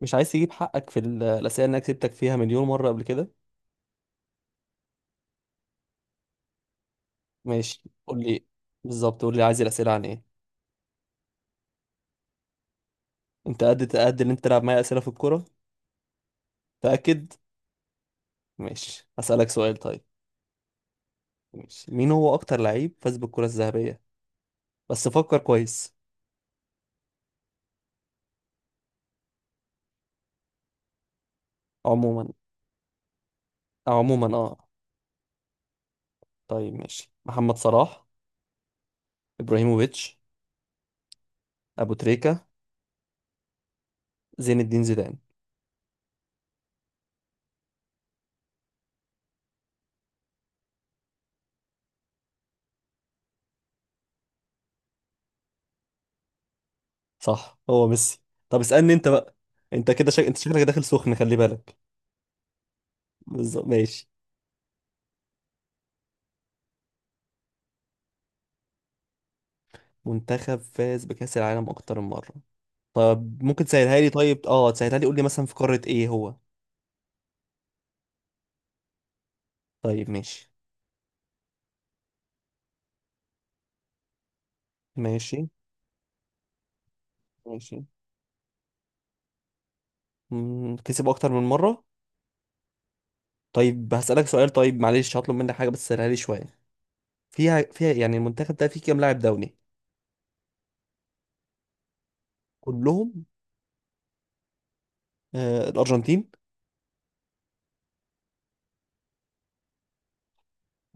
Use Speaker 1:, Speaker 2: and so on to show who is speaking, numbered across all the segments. Speaker 1: مش عايز تجيب حقك في الأسئلة اللي أنا كسبتك فيها مليون مرة قبل كده. ماشي، قول لي. بالظبط، قول لي عايز الأسئلة عن إيه. أنت قد اللي أنت تلعب معايا أسئلة في الكورة؟ تأكد. ماشي، هسألك سؤال طيب. ماشي، مين هو أكتر لعيب فاز بالكرة الذهبية؟ بس فكر كويس. عموما، أو عموما طيب ماشي، محمد صلاح، إبراهيموفيتش، أبو تريكة، زين الدين زيدان. صح، هو ميسي. طب اسألني أنت بقى. أنت كده أنت شكلك داخل سخن، خلي بالك. بالظبط ماشي. منتخب فاز بكأس العالم أكتر من مرة. طب ممكن تسهلها لي؟ طيب، تسهلها لي، قول لي مثلا في قارة ايه هو. طيب، ماشي ماشي ماشي. كسب أكتر من مرة. طيب هسألك سؤال طيب، معلش هطلب منك حاجة، بس سهلها لي شوية. فيها يعني المنتخب ده فيه كام لاعب دولي؟ كلهم؟ الأرجنتين؟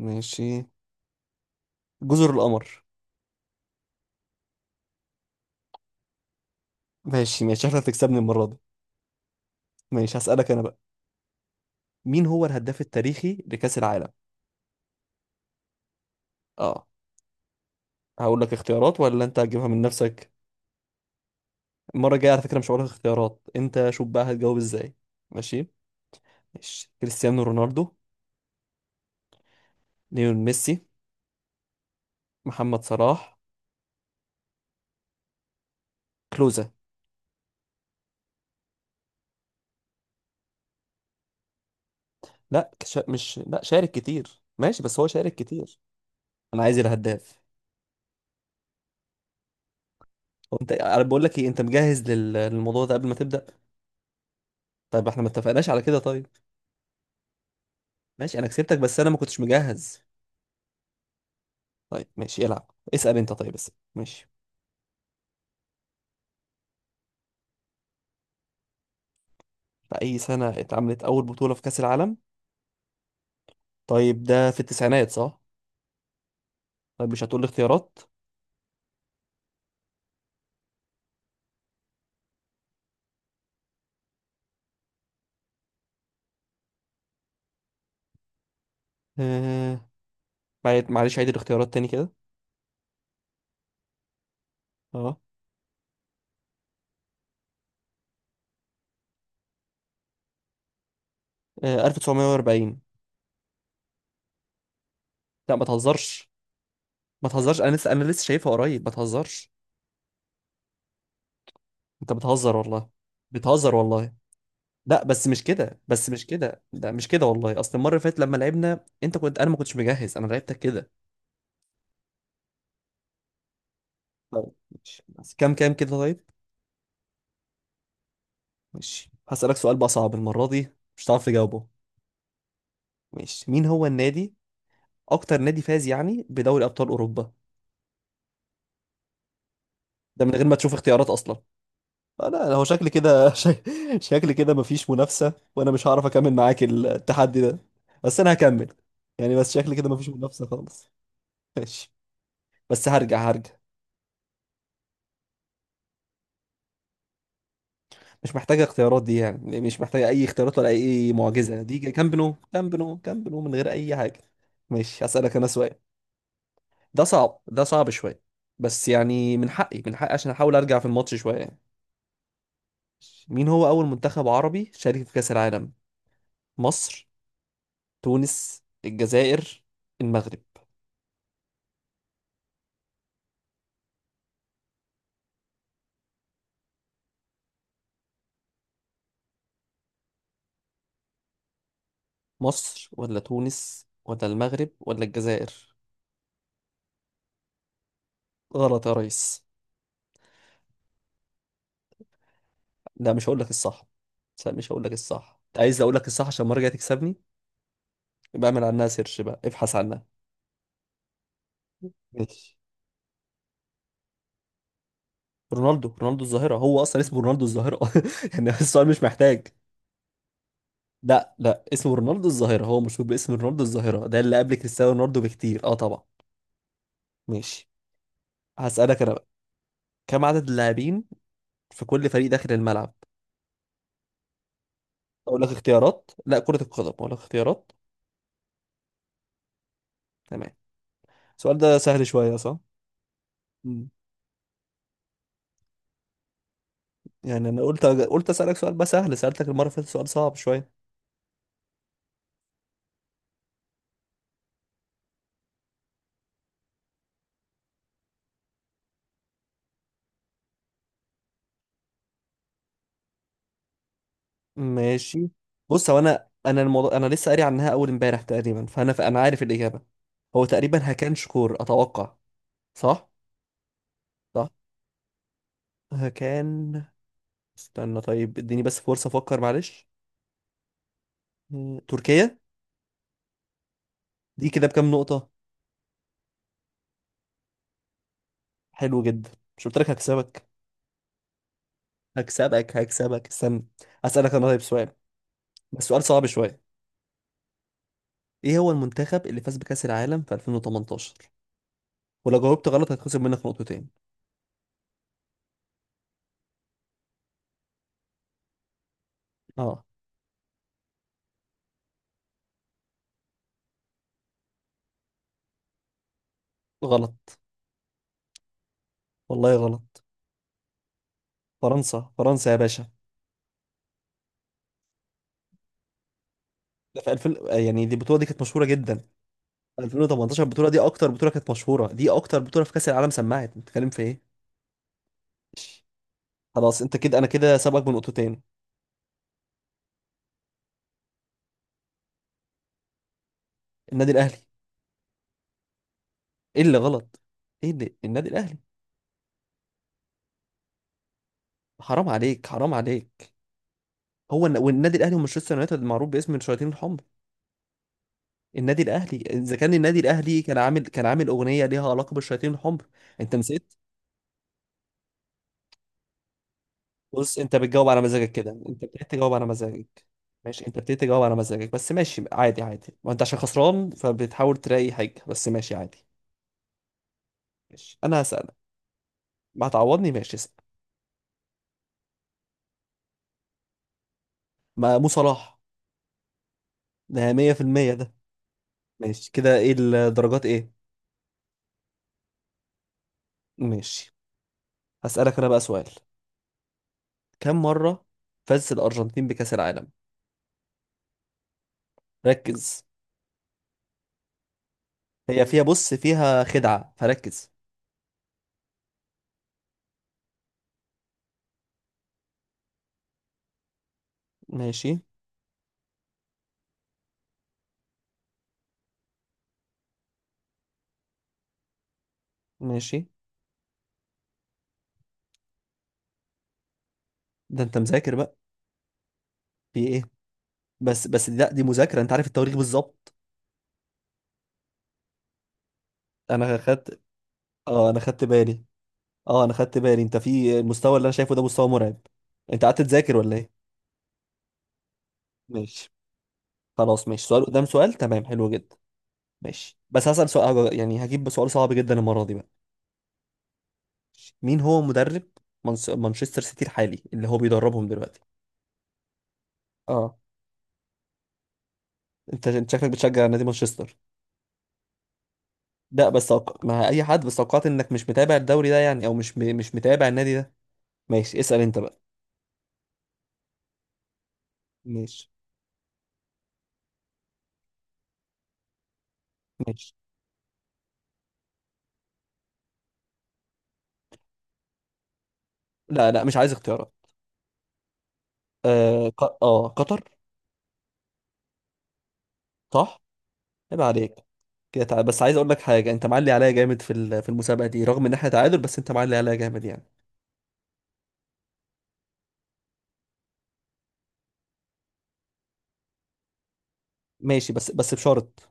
Speaker 1: ماشي، جزر القمر. ماشي ماشي، احنا هتكسبني المرة دي. ماشي، هسألك أنا بقى. مين هو الهداف التاريخي لكأس العالم؟ اه. هقول لك اختيارات ولا انت هتجيبها من نفسك؟ المرة الجاية على فكرة مش هقولك اختيارات، انت شوف بقى هتجاوب ازاي. ماشي، ماشي، كريستيانو رونالدو، ليون ميسي، محمد صلاح، كلوزا. لا مش، لا شارك كتير، ماشي، بس هو شارك كتير. انا عايز الهداف. هو انت، انا بقول لك ايه، انت مجهز للموضوع ده قبل ما تبدأ؟ طيب احنا ما اتفقناش على كده؟ طيب ماشي، انا كسبتك بس انا ما كنتش مجهز. طيب ماشي، العب، اسأل انت، طيب بس ماشي. في اي سنة اتعملت اول بطولة في كأس العالم؟ طيب، ده في التسعينات صح؟ طيب مش هتقول لي اختيارات؟ معلش عيد الاختيارات تاني كده. اه. 1940. لا، ما تهزرش. ما تهزرش، انا لسه شايفها قريب، ما تهزرش. انت بتهزر والله. بتهزر والله. لا بس مش كده، بس مش كده، لا مش كده والله، اصل المره اللي فاتت لما لعبنا انت كنت انا ما كنتش مجهز، انا لعبتك كده. طيب ماشي، بس كام كام كده طيب. ماشي هسألك سؤال بقى صعب، المره دي مش هتعرف تجاوبه. ماشي، مين هو النادي، اكتر نادي فاز يعني بدوري ابطال اوروبا؟ ده من غير ما تشوف اختيارات اصلا. انا هو شكلي كده شكلي كده مفيش منافسة، وانا مش هعرف اكمل معاك التحدي ده. بس انا هكمل. يعني بس شكلي كده مفيش منافسة خالص. ماشي بس هرجع مش محتاجة اختيارات دي، يعني مش محتاجة اي اختيارات ولا اي معجزة، دي كامب نو، كامب نو، كامب نو، من غير اي حاجة. ماشي هسألك انا سؤال، ده صعب، ده صعب شوية، بس يعني من حقي عشان احاول ارجع في الماتش شوية يعني. مين هو اول منتخب عربي شارك في كأس العالم؟ مصر، تونس، الجزائر، المغرب. مصر ولا تونس ولا المغرب ولا الجزائر. غلط يا ريس. لا مش هقول لك الصح. لا مش هقول لك الصح، انت عايز اقول لك الصح عشان المره الجايه تكسبني؟ يبقى اعمل عنها سيرش بقى، ابحث عنها. ماشي، رونالدو الظاهره، هو اصلا اسمه رونالدو الظاهره. يعني السؤال مش محتاج. لا لا، اسمه رونالدو الظاهره، هو مشهور باسم رونالدو الظاهره، ده اللي قبل كريستيانو رونالدو بكتير، اه طبعا. ماشي، هسألك انا بقى: كم عدد اللاعبين في كل فريق داخل الملعب؟ اقول لك اختيارات؟ لا كرة القدم، اقول لك اختيارات. تمام. السؤال ده سهل شوية صح؟ مم. يعني أنا قلت أسألك سؤال بقى سهل، سألتك المرة اللي فاتت سؤال صعب شوية. ماشي، بص، هو أنا الموضوع، أنا لسه قاري عنها أول امبارح تقريبا، فأنا عارف الإجابة. هو تقريبا هكان شكور أتوقع. صح؟ صح، هكان. استنى طيب، اديني بس فرصة أفكر، معلش. تركيا. دي كده بكام نقطة؟ حلو جدا. مش قلت لك هكسبك؟ هكسبك استنى. أسألك أنا طيب سؤال، بس سؤال صعب شوية. إيه هو المنتخب اللي فاز بكأس العالم في 2018؟ ولو جاوبت غلط هتخصم منك نقطتين. اه. غلط والله. غلط. فرنسا، فرنسا يا باشا. ده في 2000، يعني دي البطوله دي كانت مشهوره جدا. 2018، البطوله دي اكتر بطوله كانت مشهوره، دي اكتر بطوله في كاس العالم. سمعت انت بتتكلم في ايه؟ ماشي. خلاص، انت كده، انا كده سابقك بنقطتين. النادي الاهلي. ايه اللي غلط؟ ايه اللي النادي الاهلي؟ حرام عليك، حرام عليك. هو والنادي الاهلي ومانشستر يونايتد معروف باسم الشياطين الحمر. النادي الاهلي، اذا كان النادي الاهلي كان عامل اغنيه ليها علاقه بالشياطين الحمر. انت نسيت. بص، انت بتجاوب على مزاجك كده، انت ابتديت تجاوب على مزاجك. ماشي، انت ابتديت تجاوب على مزاجك، بس ماشي عادي عادي، ما انت عشان خسران فبتحاول تلاقي حاجه، بس ماشي عادي. ماشي، انا هسألك. ما هتعوضني؟ ماشي، اسأل. ما مو صلاح. ده 100% ده. ماشي كده، ايه الدرجات ايه؟ ماشي، هسألك انا بقى سؤال: كم مره فاز الارجنتين بكأس العالم؟ ركز. هي فيها، بص فيها خدعه فركز. ماشي، ماشي، ده انت مذاكر بقى. في ايه. بس لا، دي مذاكره، انت عارف التواريخ بالظبط. انا خدت. اه، انا خدت بالي. اه، انا خدت بالي، انت في المستوى اللي انا شايفه ده مستوى مرعب. انت قعدت تذاكر ولا ايه؟ ماشي، خلاص ماشي، سؤال قدام سؤال، تمام، حلو جدا. ماشي، بس هسأل سؤال يعني هجيب سؤال صعب جدا المرة دي بقى. مين هو مدرب مانشستر سيتي الحالي اللي هو بيدربهم دلوقتي؟ اه. انت شكلك بتشجع نادي مانشستر. لا بس ما اي حد، بس توقعت انك مش متابع الدوري ده يعني، او مش مش متابع النادي ده. ماشي، اسأل انت بقى. ماشي، ماشي. لا لا، مش عايز اختيارات. اه قطر. صح. عيب عليك. كده تعال، بس عايز اقول لك حاجه، انت معلي عليا جامد في في المسابقه دي، رغم ان احنا تعادل، بس انت معلي عليا جامد يعني. ماشي، بس بشرط.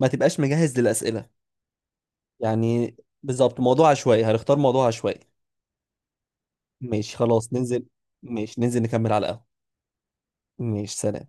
Speaker 1: ما تبقاش مجهز للاسئله. يعني، بالظبط، موضوع عشوائي، هنختار موضوع عشوائي. ماشي خلاص ننزل. ماشي ننزل نكمل على القهوه. ماشي سلام.